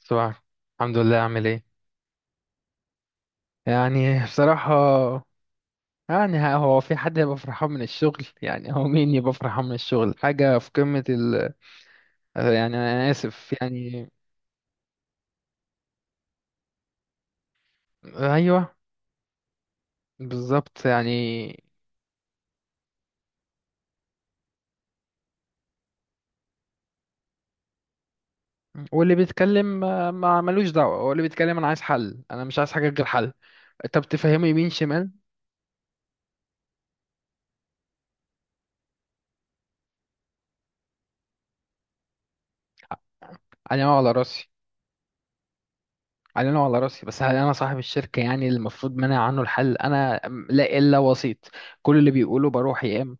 صباح. الحمد لله، عامل ايه؟ يعني بصراحة. يعني هو في حد هيبقى فرحان من الشغل؟ يعني هو مين يبقى فرحان من الشغل؟ حاجة في قمة يعني أنا آسف يعني. أيوه. بالظبط يعني. واللي بيتكلم ما ملوش دعوة، هو اللي بيتكلم. أنا عايز حل، أنا مش عايز حاجة غير حل. طب تفهمه يمين شمال. علينا وعلى راسي. علينا وعلى راسي، بس هل انا صاحب الشركه يعني المفروض منع عنه الحل انا؟ لا، الا وسيط. كل اللي بيقوله بروح يا اما.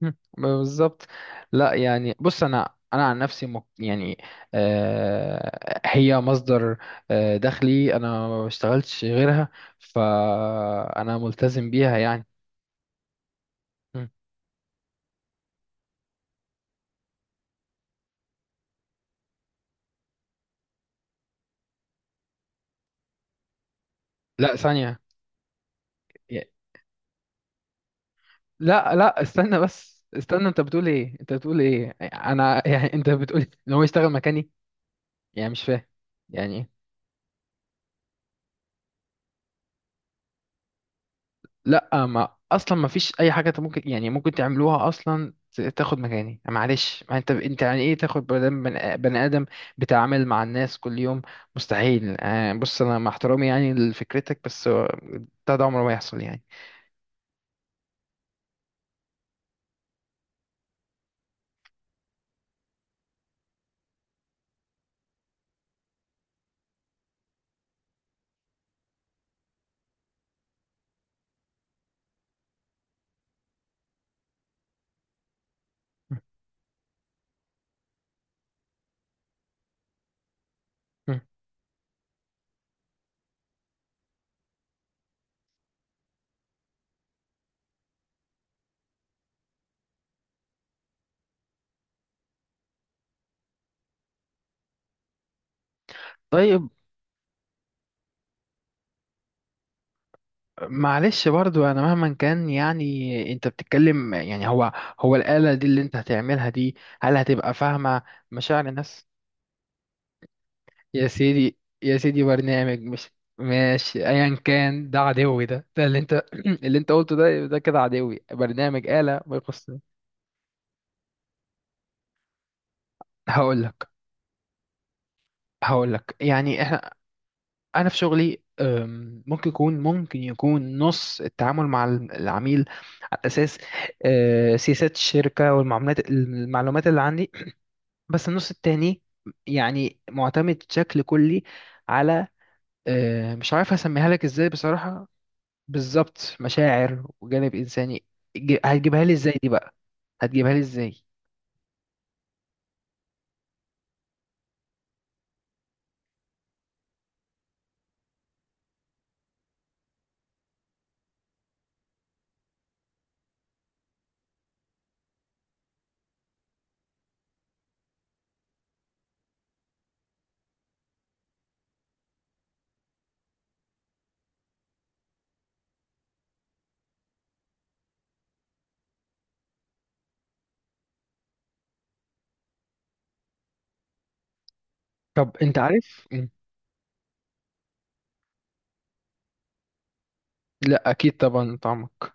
مم، بالظبط. لا، يعني بص، انا عن نفسي مك... يعني آه، هي مصدر. آه، دخلي انا ما بشتغلتش غيرها. فانا ملتزم بيها يعني. مم. لا، ثانية. ي- لا لا، استنى بس استنى، انت بتقول ايه؟ انت بتقول ايه؟ انا يعني، انت بتقول ان هو يشتغل مكاني؟ يعني مش فاهم. يعني إيه؟ لا، ما اصلا ما فيش اي حاجه، انت ممكن يعني ممكن تعملوها اصلا، تاخد مكاني. معلش، ما انت يعني ايه، تاخد بني آدم، بني آدم بتعامل مع الناس كل يوم؟ مستحيل. بص، انا مع احترامي يعني لفكرتك، بس ده عمره ما يحصل يعني. مم. طيب. معلش برضو، انا مهما كان يعني انت بتتكلم، يعني هو الآلة دي اللي انت هتعملها دي، هل هتبقى فاهمة مشاعر الناس؟ يا سيدي يا سيدي، برنامج مش... ماشي، ايا كان. ده عدوي، ده اللي انت اللي انت قلته، ده كده عدوي، برنامج، آلة، ما يخصني. هقول لك. هقول لك، يعني احنا، انا في شغلي، ممكن يكون نص التعامل مع العميل على اساس، سياسات الشركة والمعلومات، اللي عندي. بس النص التاني يعني معتمد بشكل كلي على، مش عارف هسميها لك ازاي بصراحة. بالظبط، مشاعر وجانب انساني. هتجيبها لي ازاي دي بقى؟ هتجيبها لي ازاي؟ طب انت عارف لا، اكيد طبعا طعمك.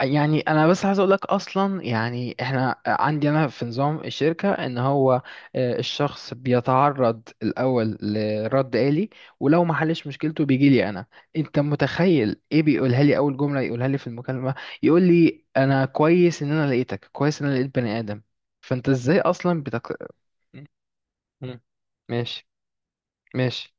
يعني انا بس عايز اقول لك، اصلا يعني احنا عندي انا في نظام الشركه ان هو الشخص بيتعرض الاول لرد آلي، ولو ما حلش مشكلته بيجي لي انا. انت متخيل ايه بيقولها لي اول جمله يقولها لي في المكالمه؟ يقول لي: انا كويس ان انا لقيتك، كويس ان انا لقيت بني ادم. فانت ازاي اصلا مم. ماشي. ماشي.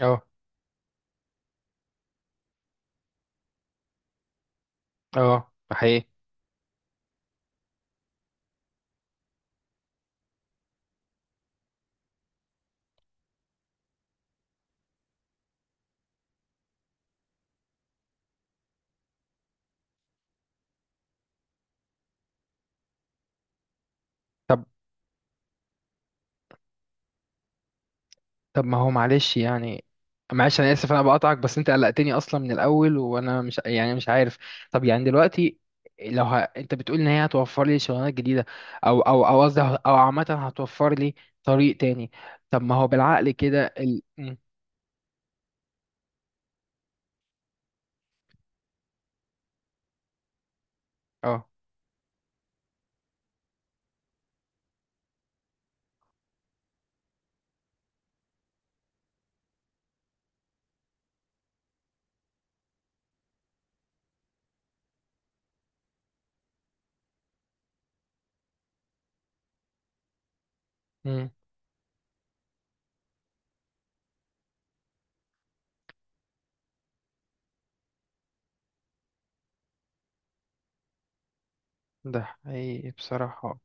اه. اه، ده حقيقي. طب. طب ما هو معلش يعني، معلش انا اسف انا بقطعك، بس انت قلقتني اصلا من الاول، وانا مش يعني مش عارف. طب يعني دلوقتي، لو انت بتقول ان هي هتوفر لي شغلانات جديده، او او او قصدي، او عامه هتوفر لي طريق تاني. طب ما هو بالعقل كده مم. اه. مم. ده حقيقي بصراحه.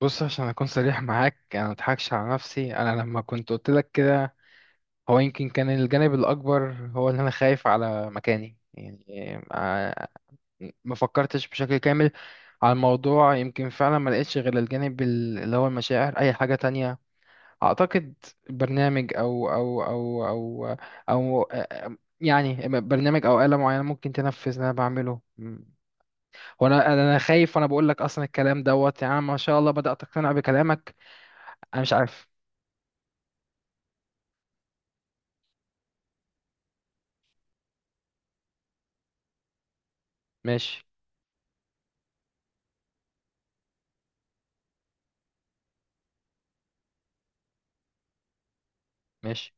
بص، عشان اكون صريح معاك، انا ما اضحكش على نفسي. انا لما كنت قلت لك كده، هو يمكن كان الجانب الأكبر هو إن أنا خايف على مكاني يعني. آه، ما فكرتش بشكل كامل على الموضوع. يمكن فعلا ما لقيتش غير الجانب اللي هو المشاعر، أي حاجة تانية. أعتقد برنامج أو أو يعني برنامج أو آلة معينة ممكن تنفذ اللي أنا بعمله وأنا خايف، وأنا بقول لك أصلا الكلام دوت، يعني أنا ما شاء الله بدأت أقتنع بكلامك. أنا مش عارف. ماشي. ماشي.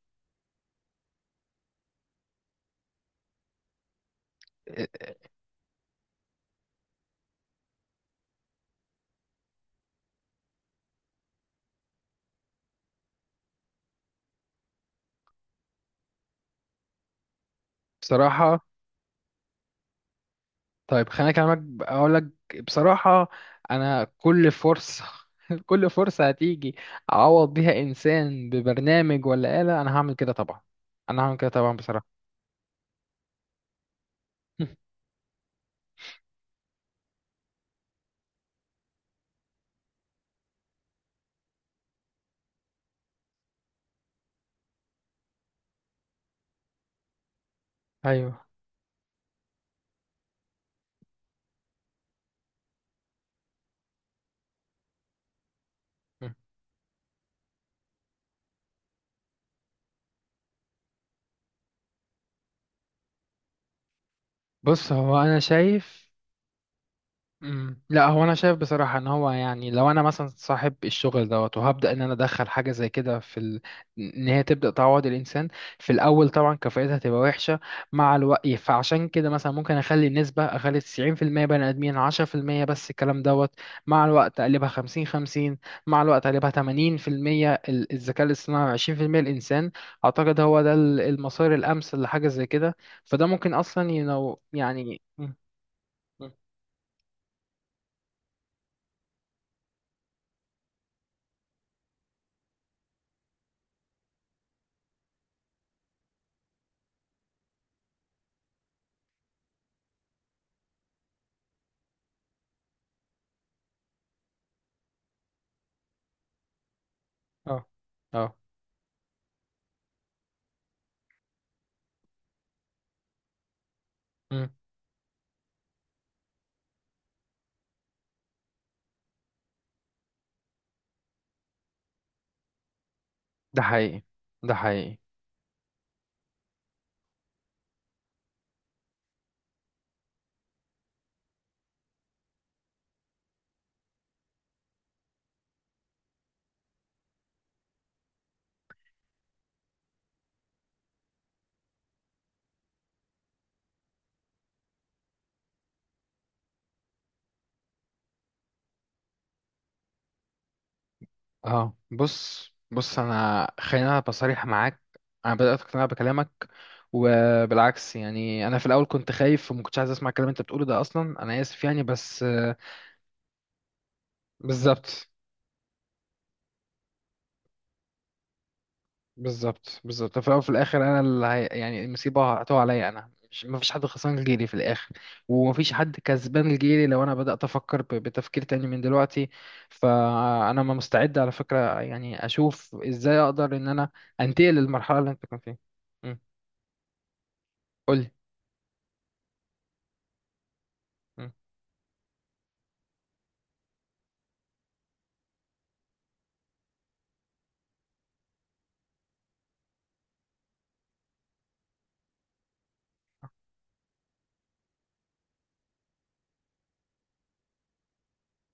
بصراحة. طيب، خليني اكلمك، اقول لك بصراحة. انا كل فرصة كل فرصة هتيجي اعوض بيها انسان ببرنامج ولا آلة، انا هعمل كده طبعا. انا هعمل كده طبعا بصراحة. ايوه. بص، هو انا شايف. مم. لا، هو انا شايف بصراحه ان هو يعني لو انا مثلا صاحب الشغل دوت، وهبدا ان انا ادخل حاجه زي كده في ان هي تبدا تعوض الانسان. في الاول طبعا كفاءتها هتبقى وحشه. مع الوقت، فعشان كده مثلا ممكن اخلي 90% بني ادمين، 10% بس الكلام دوت. مع الوقت اقلبها 50-50. مع الوقت اقلبها 80% الذكاء الاصطناعي، 20% الانسان. اعتقد هو ده المسار الامثل لحاجه زي كده. فده ممكن اصلا يعني مم. اه. اه. مم. ده حقيقي، ده حقيقي. اه، بص بص، انا خلينا أنا بصريح معاك. انا بدات اقتنع بكلامك، وبالعكس. يعني انا في الاول كنت خايف وما كنتش عايز اسمع الكلام اللي انت بتقوله ده اصلا، انا اسف يعني، بس بالظبط. بالظبط، بالظبط، في الأول وفي الآخر أنا اللي يعني المصيبة هتقع عليا، أنا مش، مفيش حد خسران غيري في الآخر. ومفيش حد كسبان غيري لو أنا بدأت أفكر بتفكير تاني من دلوقتي. فأنا ما مستعد على فكرة، يعني أشوف إزاي أقدر إن أنا أنتقل للمرحلة اللي أنت كنت فيها. مم. قولي. مم.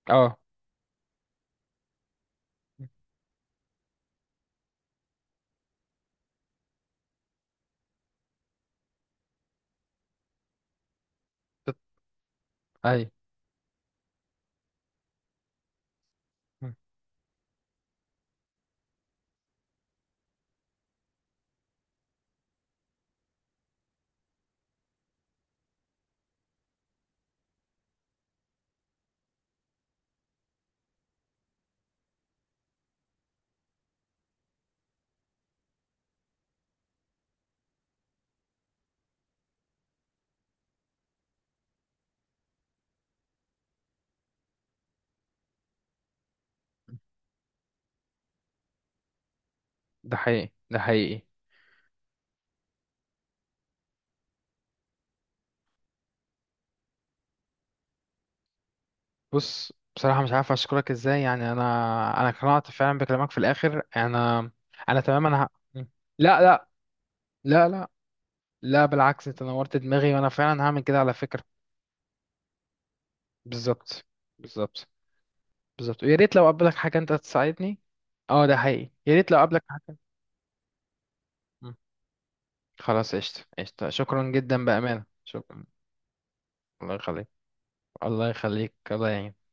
أه. مم. تت- أي. مم. ده حقيقي، ده حقيقي. بص، بصراحة مش عارف أشكرك إزاي، يعني أنا اقتنعت فعلا بكلامك. في الآخر أنا تمام. أنا لا لا. لا لا. لا، بالعكس، انت نورت دماغي وانا فعلا هعمل كده على فكرة. بالظبط. بالظبط. بالظبط، ويا ريت لو قابلك حاجة انت تساعدني. اه، ده حقيقي، يا ريت لو قابلك حاجة. مم. خلاص، قشطة قشطة، شكرا جدا، بأمانة شكرا. الله يخليك. الله يخليك، الله يعينك.